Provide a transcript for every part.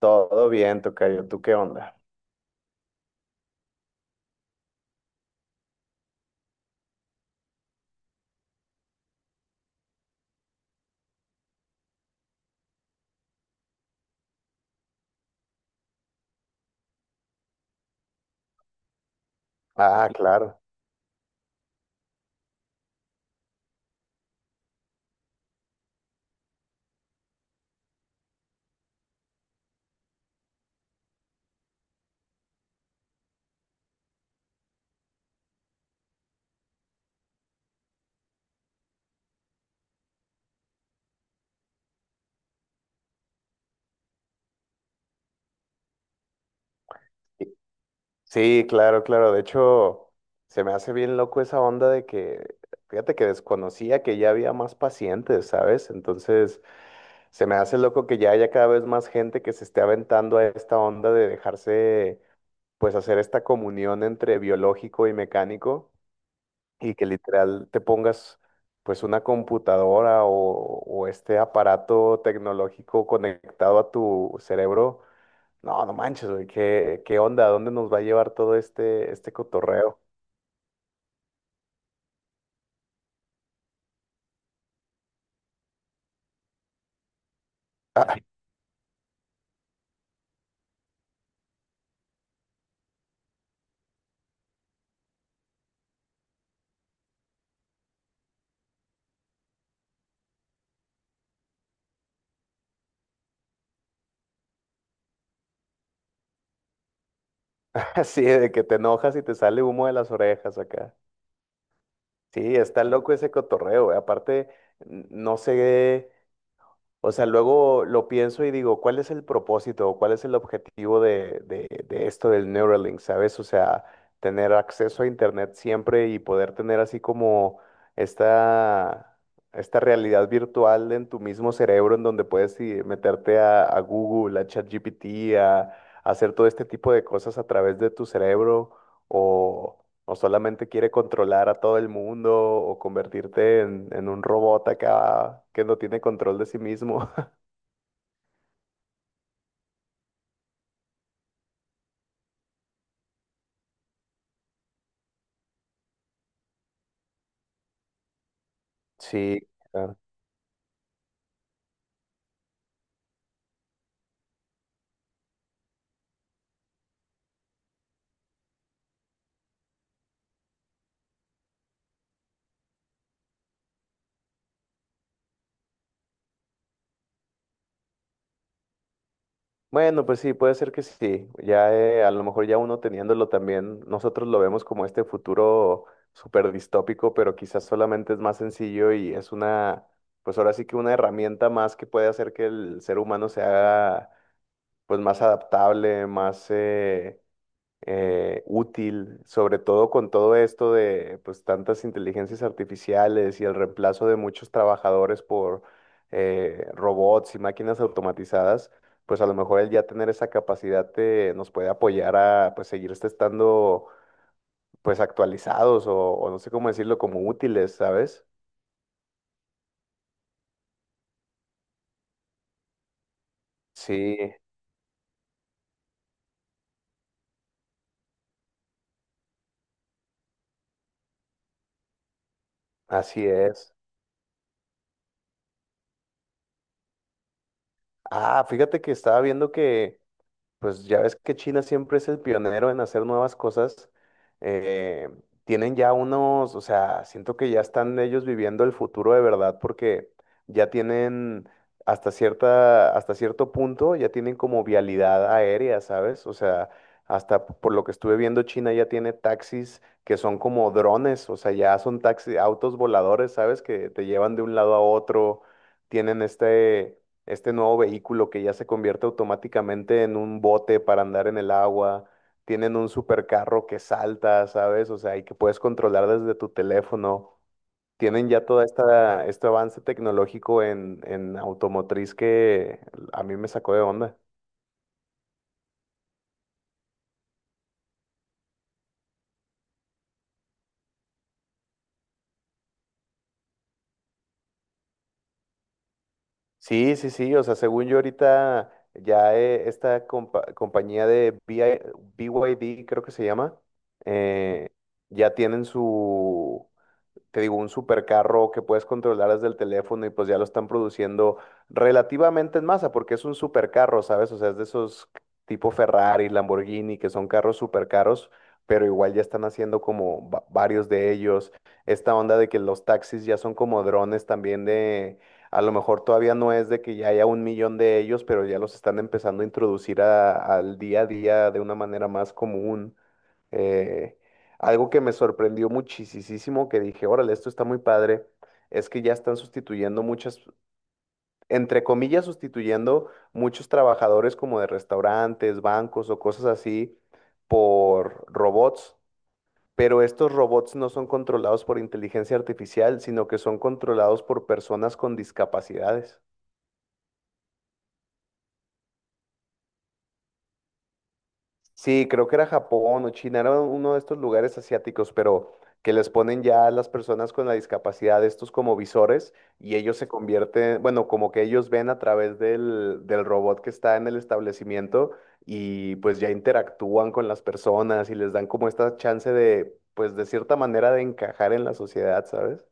Todo bien, tocayo. ¿Tú qué onda? Ah, claro. Sí, sí, claro, claro. De hecho, se me hace bien loco esa onda fíjate que desconocía que ya había más pacientes, ¿sabes? Entonces, se me hace loco que ya haya cada vez más gente que se esté aventando a esta onda de dejarse, pues, hacer esta comunión entre biológico y mecánico y que literal te pongas, pues, una computadora o este aparato tecnológico conectado a tu cerebro. No, no manches, güey, ¿qué onda? ¿A dónde nos va a llevar todo este cotorreo? Así de que te enojas y te sale humo de las orejas acá. Sí, está loco ese cotorreo, güey. Aparte, no sé. O sea, luego lo pienso y digo, ¿cuál es el propósito o cuál es el objetivo de esto del Neuralink, ¿sabes? O sea, tener acceso a Internet siempre y poder tener así como esta, esta realidad virtual en tu mismo cerebro, en donde puedes meterte a Google, a ChatGPT, a hacer todo este tipo de cosas a través de tu cerebro, o o solamente quiere controlar a todo el mundo o convertirte en un robot acá que no tiene control de sí mismo. Sí, claro. Bueno, pues sí, puede ser que sí. Ya a lo mejor ya uno teniéndolo también, nosotros lo vemos como este futuro súper distópico, pero quizás solamente es más sencillo y es pues ahora sí que una herramienta más que puede hacer que el ser humano se haga pues más adaptable, más útil, sobre todo con todo esto de pues tantas inteligencias artificiales y el reemplazo de muchos trabajadores por robots y máquinas automatizadas. Pues a lo mejor el ya tener esa capacidad nos puede apoyar a pues seguir este estando pues actualizados o no sé cómo decirlo, como útiles, ¿sabes? Sí, así es. Ah, fíjate que estaba viendo que... Pues ya ves que China siempre es el pionero en hacer nuevas cosas. eh, tienen ya unos, o sea, siento que ya están ellos viviendo el futuro de verdad porque ya tienen hasta hasta cierto punto, ya tienen como vialidad aérea, ¿sabes? O sea, hasta por lo que estuve viendo, China ya tiene taxis que son como drones, o sea, ya son taxis, autos voladores, ¿sabes? Que te llevan de un lado a otro. Tienen este nuevo vehículo que ya se convierte automáticamente en un bote para andar en el agua. Tienen un supercarro que salta, ¿sabes? O sea, y que puedes controlar desde tu teléfono. Tienen ya todo este avance tecnológico en automotriz que a mí me sacó de onda. Sí, sí, sí, o sea, según yo ahorita ya esta compañía de B I BYD creo que se llama. eh, ya tienen te digo, un supercarro que puedes controlar desde el teléfono y pues ya lo están produciendo relativamente en masa, porque es un supercarro, ¿sabes? O sea, es de esos tipo Ferrari, Lamborghini, que son carros supercaros, pero igual ya están haciendo como varios de ellos. Esta onda de que los taxis ya son como drones también de... A lo mejor todavía no es de que ya haya un millón de ellos, pero ya los están empezando a introducir al día a día de una manera más común. Eh, algo que me sorprendió muchísimo, que dije, órale, esto está muy padre, es que ya están sustituyendo muchas, entre comillas, sustituyendo muchos trabajadores como de restaurantes, bancos o cosas así por robots, pero estos robots no son controlados por inteligencia artificial, sino que son controlados por personas con discapacidades. Sí, creo que era Japón o China, era uno de estos lugares asiáticos, pero que les ponen ya a las personas con la discapacidad estos como visores y ellos se convierten, bueno, como que ellos ven a través del robot que está en el establecimiento y pues ya interactúan con las personas y les dan como esta chance de, pues de cierta manera, de encajar en la sociedad, ¿sabes?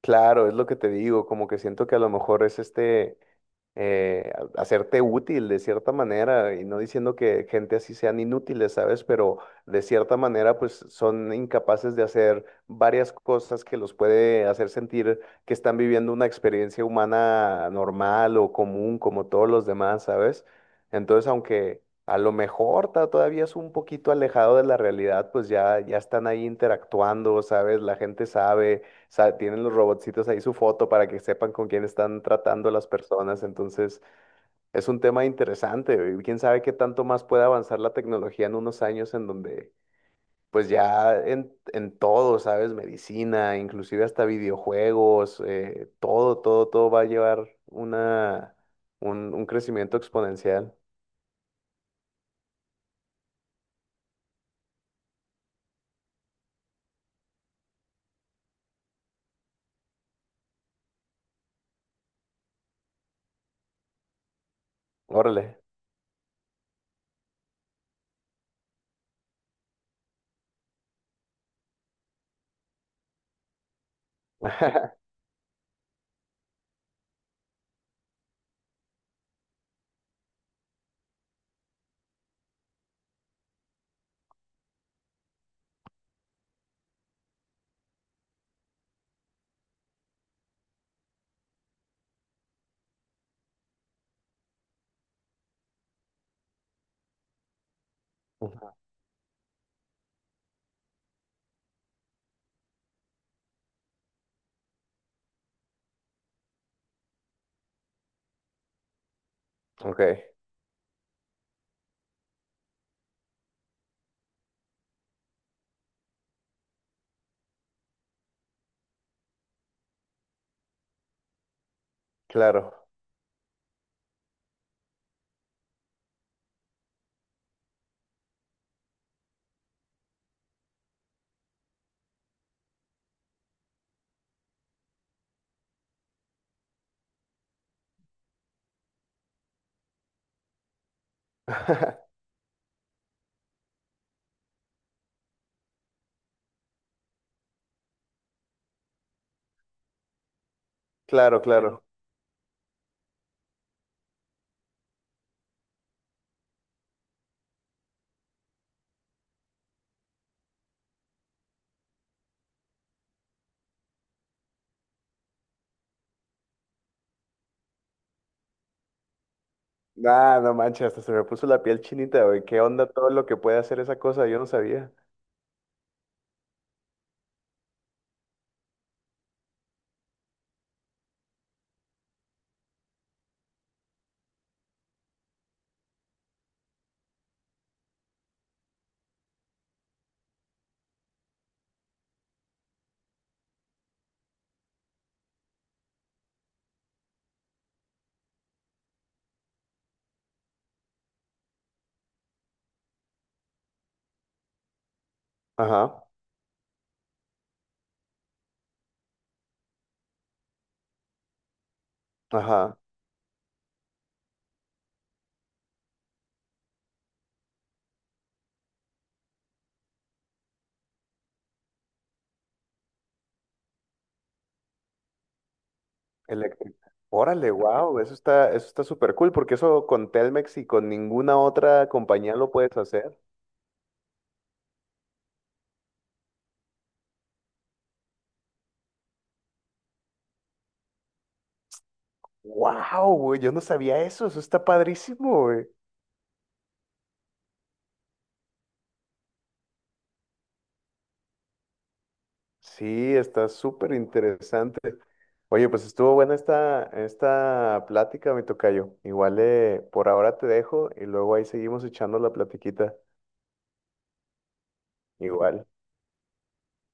Claro, es lo que te digo, como que siento que a lo mejor es este... eh, hacerte útil de cierta manera, y no diciendo que gente así sean inútiles, ¿sabes? Pero de cierta manera, pues son incapaces de hacer varias cosas que los puede hacer sentir que están viviendo una experiencia humana normal o común, como todos los demás, ¿sabes? Entonces, aunque a lo mejor todavía es un poquito alejado de la realidad, pues ya están ahí interactuando, ¿sabes? La gente sabe, o sea, tienen los robotcitos ahí su foto para que sepan con quién están tratando las personas. Entonces, es un tema interesante. Y quién sabe qué tanto más puede avanzar la tecnología en unos años, en donde pues ya en todo, ¿sabes? Medicina, inclusive hasta videojuegos, todo, todo, todo va a llevar un crecimiento exponencial. Órale. Ujú. Ok, claro. Claro, claro. Ah, no manches, hasta se me puso la piel chinita, güey. ¿Qué onda todo lo que puede hacer esa cosa? Yo no sabía. Ajá, ajá, eléctrica. Órale, wow, eso está súper cool, porque eso con Telmex y con ninguna otra compañía lo puedes hacer. Wow, güey, yo no sabía eso, eso está padrísimo, güey. Sí, está súper interesante. Oye, pues estuvo buena esta plática, mi tocayo. Igual, por ahora te dejo y luego ahí seguimos echando la platiquita. Igual.